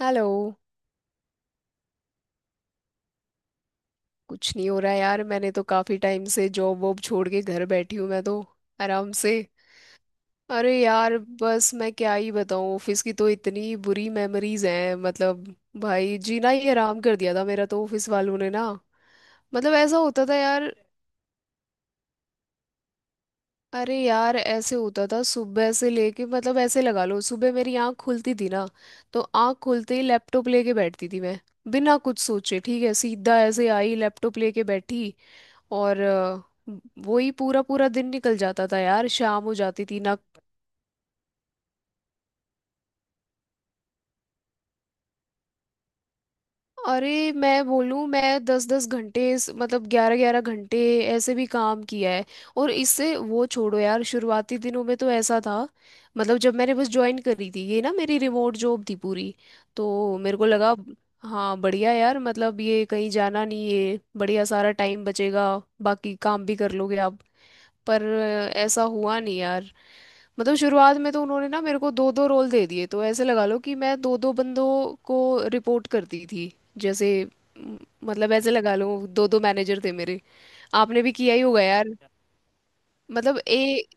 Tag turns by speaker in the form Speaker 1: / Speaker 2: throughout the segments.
Speaker 1: Hello. कुछ नहीं हो रहा यार, मैंने तो काफी टाइम से जॉब वॉब छोड़ के घर बैठी हूँ मैं तो। आराम से। अरे यार, बस मैं क्या ही बताऊँ, ऑफिस की तो इतनी बुरी मेमोरीज हैं मतलब। भाई जीना ही हराम कर दिया था मेरा तो ऑफिस वालों ने ना। मतलब ऐसा होता था यार। अरे यार, ऐसे होता था सुबह से लेके, मतलब ऐसे लगा लो सुबह मेरी आँख खुलती थी ना, तो आँख खुलते ही लैपटॉप लेके बैठती थी मैं। बिना कुछ सोचे, ठीक है, सीधा ऐसे आई लैपटॉप लेके बैठी। और वही पूरा पूरा दिन निकल जाता था यार, शाम हो जाती थी ना। अरे मैं बोलूँ, मैं 10-10 घंटे मतलब 11-11 घंटे ऐसे भी काम किया है। और इससे वो छोड़ो यार, शुरुआती दिनों में तो ऐसा था। मतलब जब मैंने बस ज्वाइन करी थी, ये ना मेरी रिमोट जॉब थी पूरी, तो मेरे को लगा हाँ बढ़िया यार, मतलब ये कहीं जाना नहीं है, बढ़िया सारा टाइम बचेगा, बाकी काम भी कर लोगे आप। पर ऐसा हुआ नहीं यार। मतलब शुरुआत में तो उन्होंने ना मेरे को दो दो रोल दे दिए, तो ऐसे लगा लो कि मैं दो दो बंदों को रिपोर्ट करती थी, जैसे म, मतलब ऐसे लगा लो दो दो मैनेजर थे मेरे। आपने भी किया ही होगा यार। मतलब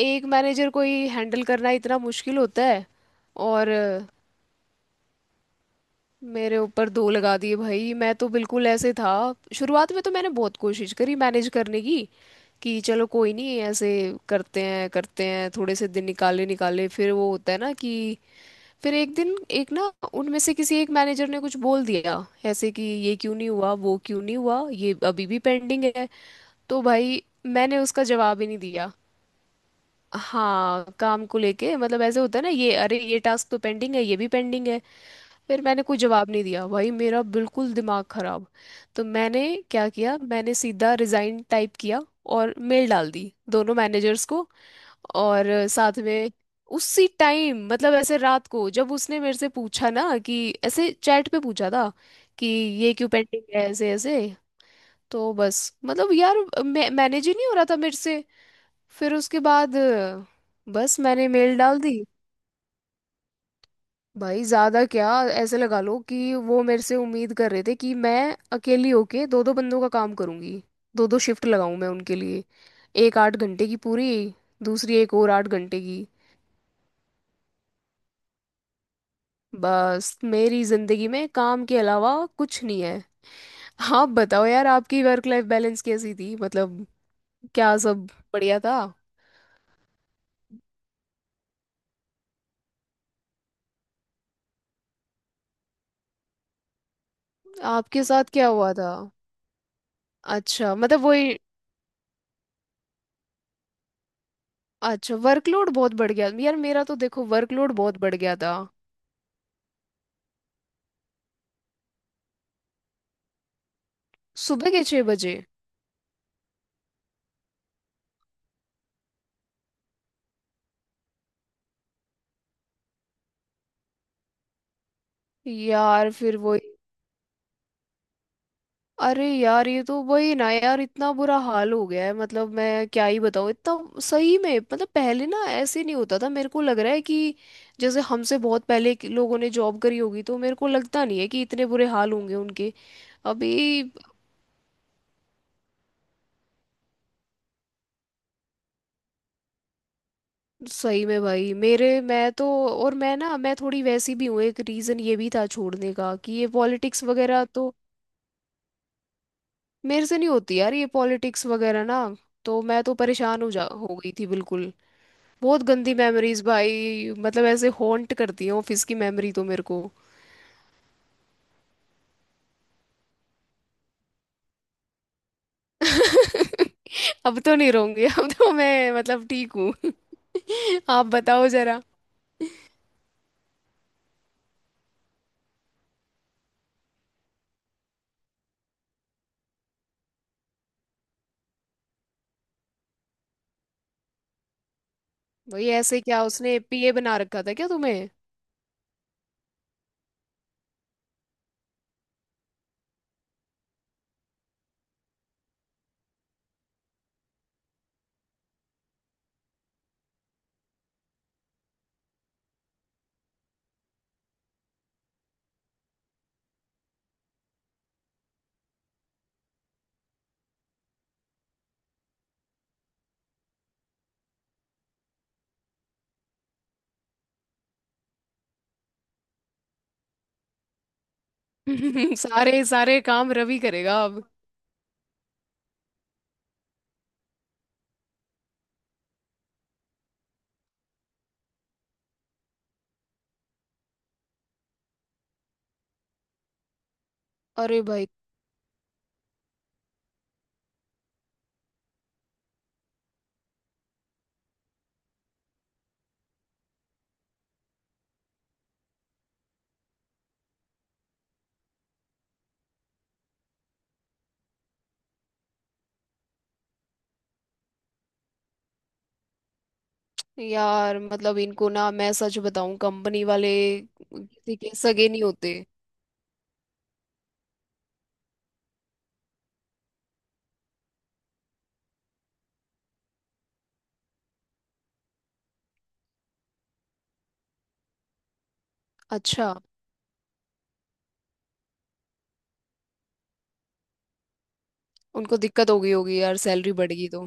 Speaker 1: एक मैनेजर को ही हैंडल करना इतना मुश्किल होता है, और मेरे ऊपर दो लगा दिए भाई, मैं तो बिल्कुल ऐसे था। शुरुआत में तो मैंने बहुत कोशिश करी मैनेज करने की कि चलो कोई नहीं, ऐसे करते हैं करते हैं, थोड़े से दिन निकाले निकाले, फिर वो होता है ना कि फिर एक दिन एक ना उनमें से किसी एक मैनेजर ने कुछ बोल दिया ऐसे कि ये क्यों नहीं हुआ, वो क्यों नहीं हुआ, ये अभी भी पेंडिंग है। तो भाई मैंने उसका जवाब ही नहीं दिया। हाँ काम को लेके, मतलब ऐसे होता है ना, ये अरे ये टास्क तो पेंडिंग है, ये भी पेंडिंग है। फिर मैंने कोई जवाब नहीं दिया भाई, मेरा बिल्कुल दिमाग खराब। तो मैंने क्या किया, मैंने सीधा रिजाइन टाइप किया और मेल डाल दी दोनों मैनेजर्स को। और साथ में उसी टाइम, मतलब ऐसे रात को जब उसने मेरे से पूछा ना कि ऐसे चैट पे पूछा था कि ये क्यों पेंडिंग है, ऐसे ऐसे। तो बस मतलब यार, मैनेज ही नहीं हो रहा था मेरे से। फिर उसके बाद बस मैंने मेल डाल दी। भाई ज्यादा क्या, ऐसे लगा लो कि वो मेरे से उम्मीद कर रहे थे कि मैं अकेली होके दो दो बंदों का काम करूंगी, दो दो शिफ्ट लगाऊं मैं उनके लिए, एक 8 घंटे की पूरी, दूसरी एक और 8 घंटे की। बस मेरी जिंदगी में काम के अलावा कुछ नहीं है। आप बताओ यार, आपकी वर्क लाइफ बैलेंस कैसी थी, मतलब क्या सब बढ़िया था। आपके साथ क्या हुआ था? अच्छा मतलब वही। अच्छा वर्कलोड बहुत बढ़ गया यार मेरा तो, देखो वर्कलोड बहुत बढ़ गया था। सुबह के 6 बजे। यार फिर वही। अरे यार ये तो वही ना यार, इतना बुरा हाल हो गया है मतलब, मैं क्या ही बताऊँ इतना, सही में मतलब पहले ना ऐसे नहीं होता था। मेरे को लग रहा है कि जैसे हमसे बहुत पहले के लोगों ने जॉब करी होगी तो मेरे को लगता नहीं है कि इतने बुरे हाल होंगे उनके। अभी सही में भाई, मेरे मैं तो, और मैं ना मैं थोड़ी वैसी भी हूँ, एक रीज़न ये भी था छोड़ने का कि ये पॉलिटिक्स वगैरह तो मेरे से नहीं होती यार, ये पॉलिटिक्स वगैरह ना, तो मैं तो परेशान हो गई थी बिल्कुल। बहुत गंदी मेमोरीज भाई, मतलब ऐसे हॉन्ट करती है ऑफिस की मेमोरी तो मेरे को। अब तो नहीं रहूंगी, अब तो मैं मतलब ठीक हूँ। आप बताओ जरा। भाई ऐसे क्या, उसने पीए बना रखा था क्या तुम्हें? सारे सारे काम रवि करेगा अब। अरे भाई यार, मतलब इनको ना, मैं सच बताऊं कंपनी वाले किसी के सगे नहीं होते। अच्छा, उनको दिक्कत हो गई होगी यार सैलरी बढ़ गई तो।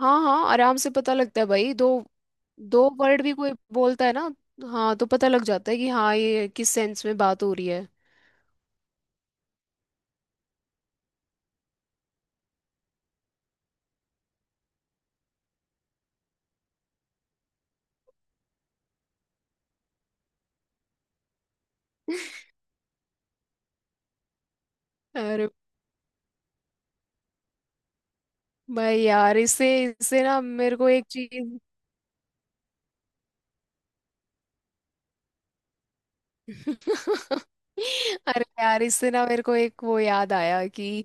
Speaker 1: हाँ हाँ आराम से पता लगता है भाई, दो दो वर्ड भी कोई बोलता है ना, हाँ तो पता लग जाता है कि हाँ ये किस सेंस में बात हो रही है। अरे भाई यार, इससे इससे ना मेरे को एक चीज। अरे यार इससे ना मेरे को एक वो याद आया कि।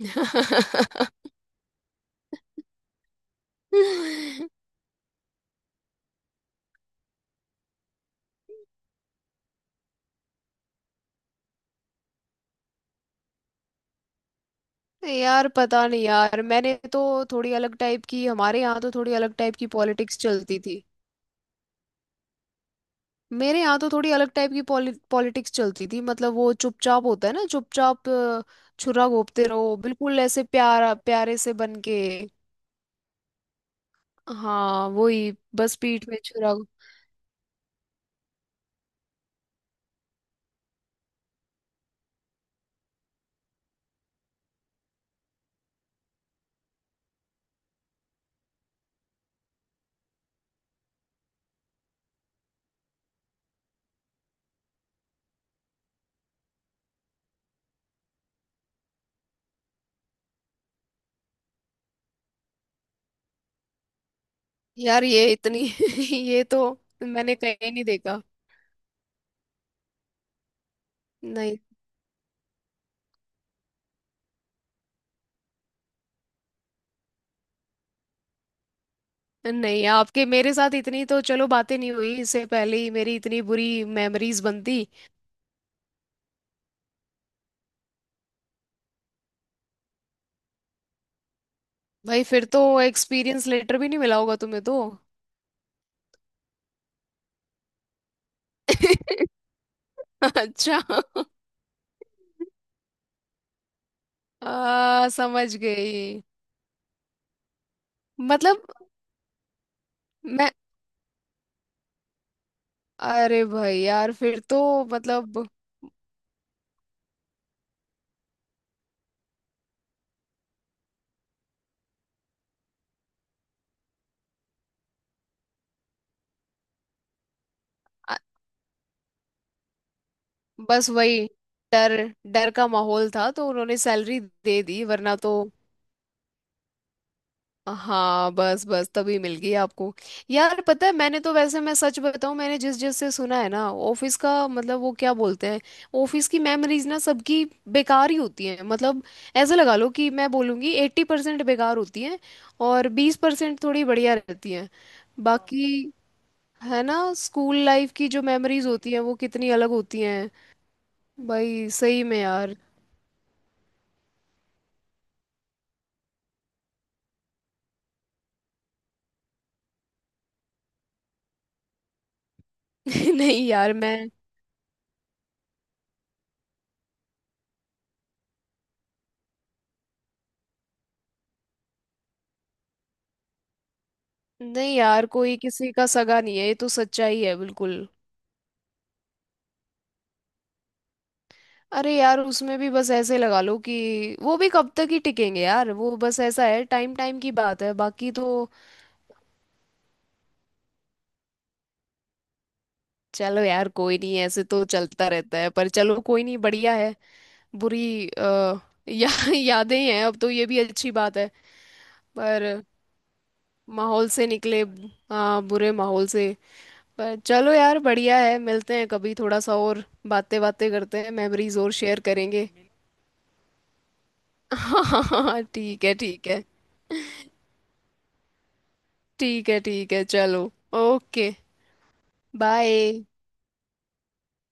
Speaker 1: यार पता नहीं यार, मैंने तो थोड़ी अलग टाइप की, हमारे यहाँ तो थोड़ी अलग टाइप की पॉलिटिक्स चलती थी। मेरे यहाँ तो थोड़ी अलग टाइप की पॉलिटिक्स चलती थी, मतलब वो चुपचाप होता है ना, चुपचाप छुरा घोंपते रहो, बिल्कुल ऐसे प्यारा प्यारे से बन के। हाँ वही बस पीठ में यार ये इतनी। ये तो मैंने कहीं नहीं देखा। नहीं। नहीं आपके मेरे साथ इतनी तो चलो बातें नहीं हुई, इससे पहले ही मेरी इतनी बुरी मेमोरीज बनती। भाई फिर तो एक्सपीरियंस लेटर भी नहीं मिला होगा तुम्हें तो। अच्छा समझ गई। मतलब मैं। अरे भाई यार फिर तो। मतलब अ- बस वही डर, डर का माहौल था तो उन्होंने सैलरी दे दी वरना तो। हाँ बस बस तभी मिल गई आपको। यार पता है, मैंने तो वैसे, मैं सच बताऊं, मैंने जिस जिस से सुना है ना ऑफिस का मतलब वो क्या बोलते हैं, ऑफिस की मेमोरीज ना सबकी बेकार ही होती हैं मतलब। ऐसे लगा लो कि मैं बोलूँगी 80% बेकार होती हैं, और 20% थोड़ी बढ़िया रहती हैं बाकी। है ना, स्कूल लाइफ की जो मेमोरीज होती हैं वो कितनी अलग होती हैं। भाई सही में यार। नहीं यार मैं। नहीं यार कोई किसी का सगा नहीं है, ये तो सच्चाई है बिल्कुल। अरे यार उसमें भी बस ऐसे लगा लो कि वो भी कब तक ही टिकेंगे यार, वो बस ऐसा है, टाइम टाइम की बात है बाकी तो। चलो यार कोई नहीं, ऐसे तो चलता रहता है, पर चलो कोई नहीं बढ़िया है। बुरी या, यादें ही हैं अब तो, ये भी अच्छी बात है। पर माहौल से निकले, हाँ बुरे माहौल से। पर चलो यार बढ़िया है, मिलते हैं कभी, थोड़ा सा और बातें बातें करते हैं, मेमोरीज और शेयर करेंगे। हाँ हाँ हाँ, ठीक है ठीक है। ठीक है ठीक है चलो। Okay bye.